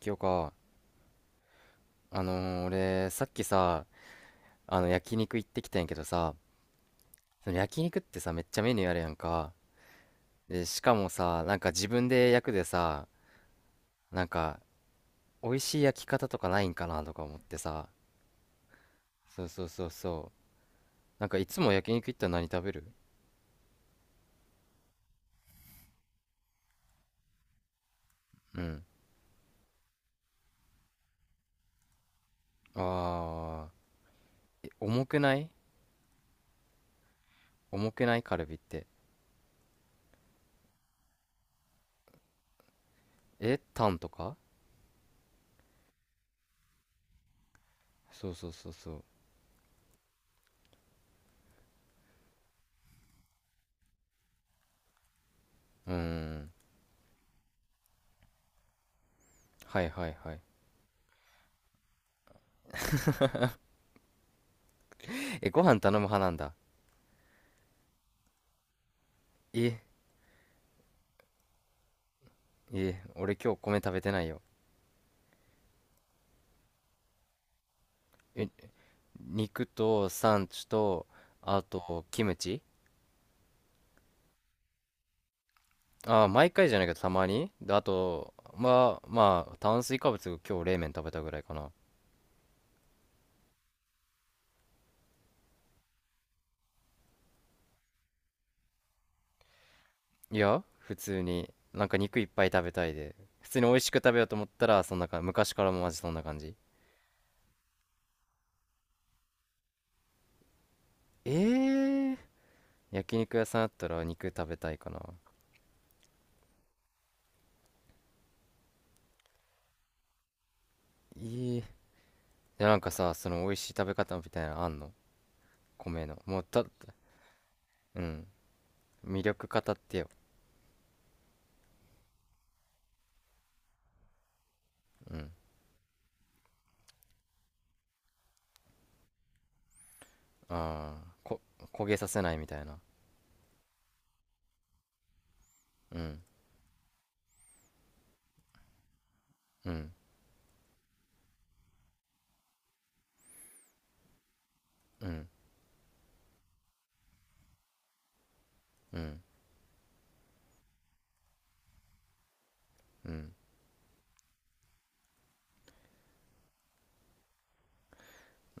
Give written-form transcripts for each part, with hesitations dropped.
今日か？俺、さっきさ、焼肉行ってきたんやけどさ、その焼肉ってさ、めっちゃメニューあるやんか。で、しかもさ、なんか自分で焼くでさ、なんか、美味しい焼き方とかないんかなとか思ってさ。そうそうそうそう。なんかいつも焼肉行ったら何食べる？うん。あー、え、重くない？重くないカルビって。え、タンとか。そうそうそうそう。うーん。はいはいはい。え、ご飯頼む派なんだ。え、え、俺今日米食べてないよ。え、肉とサンチュと、あと、キムチ。あー、毎回じゃないけど、たまに。で、あと、まあ、まあ、炭水化物、今日冷麺食べたぐらいかな。いや、普通に、なんか肉いっぱい食べたいで。普通に美味しく食べようと思ったら、そんな感じ。昔からもマジそんな感じ。えー、焼肉屋さんあったら肉食べたいかな。いい。で、なんかさ、その美味しい食べ方みたいなのあんの？米の。もうた、うん。魅力語ってよ。うん。ああ、焦げさせないみたいな。うん、うん、うん、うん、うん。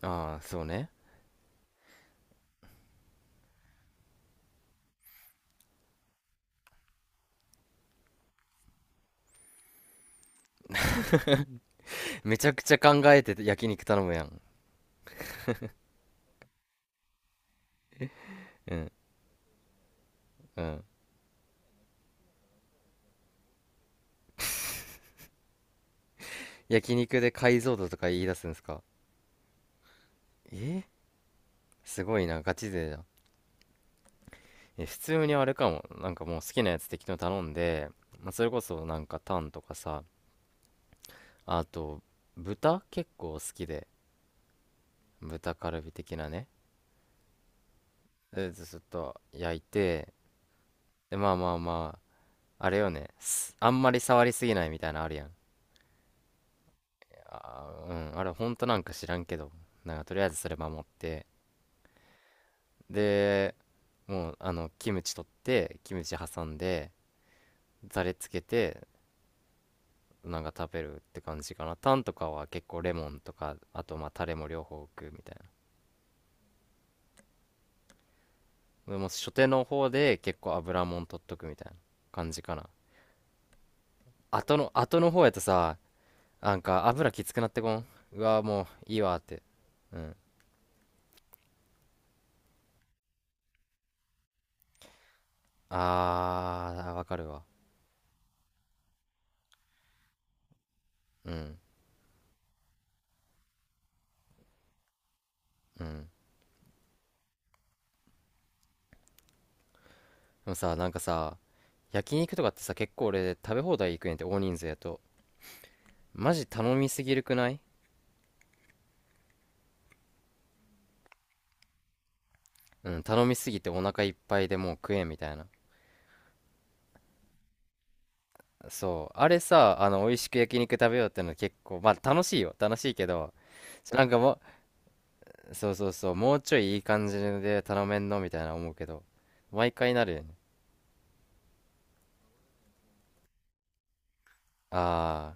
ああー、そうね。めちゃくちゃ考えてて焼肉頼むやん。うん、うん。焼肉で解像度とか言い出すんですか？え、すごいなガチ勢じゃん。え、普通にあれかも。なんかもう好きなやつ適当に頼んで、まあ、それこそなんかタンとかさ。あと豚結構好きで、豚カルビ的なね。でずっと焼いて、でまあまあまあ、あれよね、あんまり触りすぎないみたいなのあるやん。あー、うん、あれ本当なんか知らんけど、なんかとりあえずそれ守って、で、もうあのキムチ取ってキムチ挟んで、ザレつけて、なんか食べるって感じかな。タンとかは結構レモンとか、あとまあタレも両方置くみたいな。でも初手の方で結構油もん取っとくみたいな感じかな。後の方やとさ、なんか油きつくなってこん、うわもういいわって。うん。あーわかるわ。うん、うん。でもさ、なんかさ、焼肉とかってさ、結構俺食べ放題行くねんって、大人数やと。マジ頼みすぎるくない？うん、頼みすぎてお腹いっぱいでもう食えんみたいな。そう。あれさ、美味しく焼肉食べようってのは結構、まあ楽しいよ。楽しいけど、なんかもう、そうそうそう、もうちょいいい感じで頼めんのみたいな思うけど、毎回なるよね。あ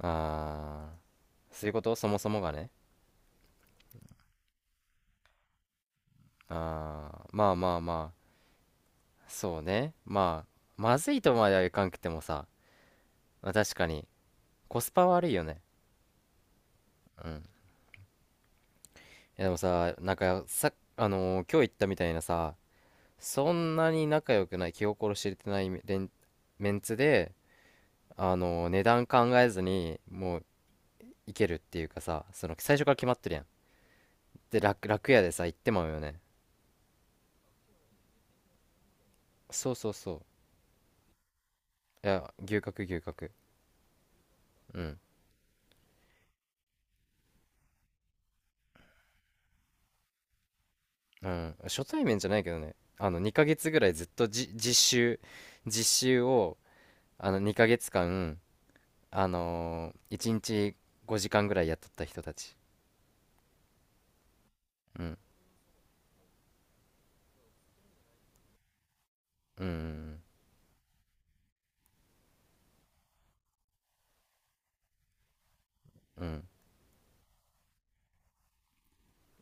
ー、あー、そういうこと、そもそもがね。あー、まあまあまあ、そうね。まあ、まずいとまではいかんくてもさ、まあ確かにコスパ悪いよね。うん。いやでもさ、なんかさ、今日言ったみたいなさ、そんなに仲良くない、気心知れてないメンツで、値段考えずにもういけるっていうかさ、その最初から決まってるやん。で楽屋でさ行ってまうよね。そうそうそう、いや牛角、牛角。うん、うん。初対面じゃないけどね、あの2ヶ月ぐらいずっと、実習を、あの2ヶ月間、1日5時間ぐらい雇った人たち。うん。うん、うん、うん。うん。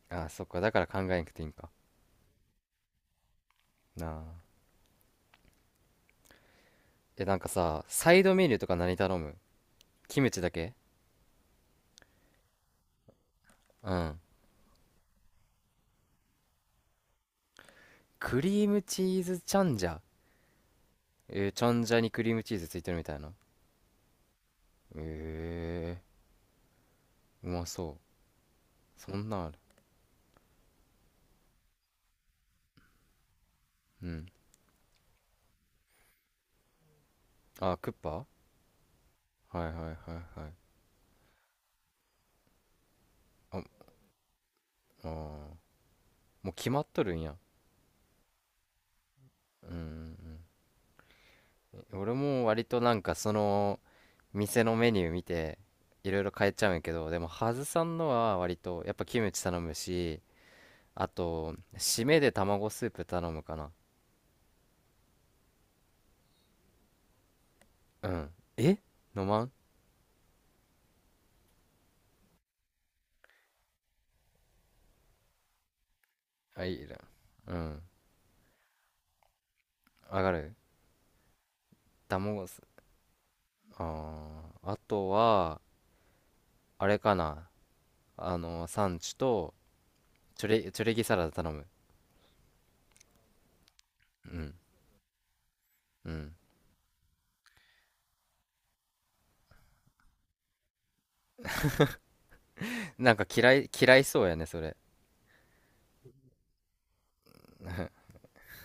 ああ、そっか。だから考えなくていいんか。なあ。え、なんかさ、サイドメニューとか何頼む？キムチだけ？うん。クリームチーズチャンジャ。チャンジャにクリームチーズついてるみたいな。ええー、うまそう。そんなんある。うん。あ、クッパ、はいはいはいはい。あ、あー、もう決まっとるんや。うん、うん、うん。俺も割となんかその、店のメニュー見ていろいろ変えちゃうんやけど、でもハズさんのは割とやっぱキムチ頼むし、あと締めで卵スープ頼むかな。うん。え、飲まん？あいいな。うん。上がる。卵スあー、あとはあれかな、あのサンチュと、チュレギサラダ頼む。うん、うん。なんか嫌い嫌いそうやねそれ。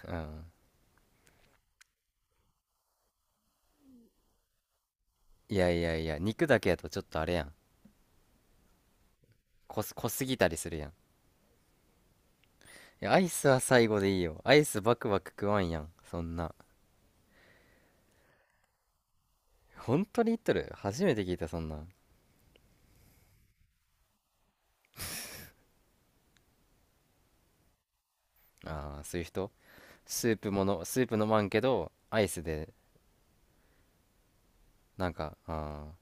うん。いやいやいや、肉だけやとちょっとあれやん、濃すぎたりするやん。いや、アイスは最後でいいよ。アイスバクバク食わんやん、そんな。本当に言っとる？初めて聞いたそんなん。ああー、そういう人。スープものスープ飲まんけどアイスで、なんかあ、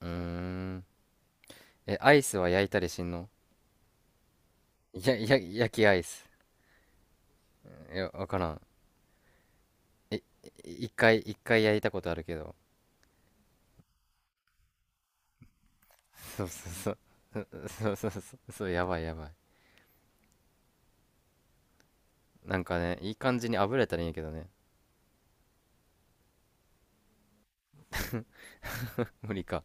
あー、うーん。え、アイスは焼いたりしんの？いやいや、焼きアイス。いやわからん。え、一回焼いたことあるけど。そうそうそうそうそうそうそうそう、やばいやばい。なんかね、いい感じに炙れたらいいんやけどね。無理か。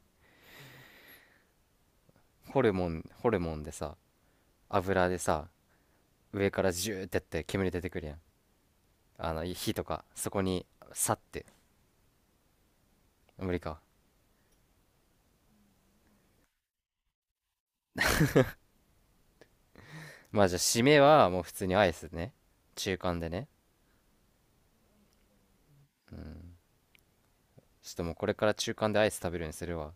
ホルモン、ホルモンでさ、油でさ、上からジューってやって煙出てくるやん。あの火とかそこにさって。無理か。まあじゃあ締めはもう普通にアイスね。中間でね。うん。ちょっともうこれから中間でアイス食べるようにするわ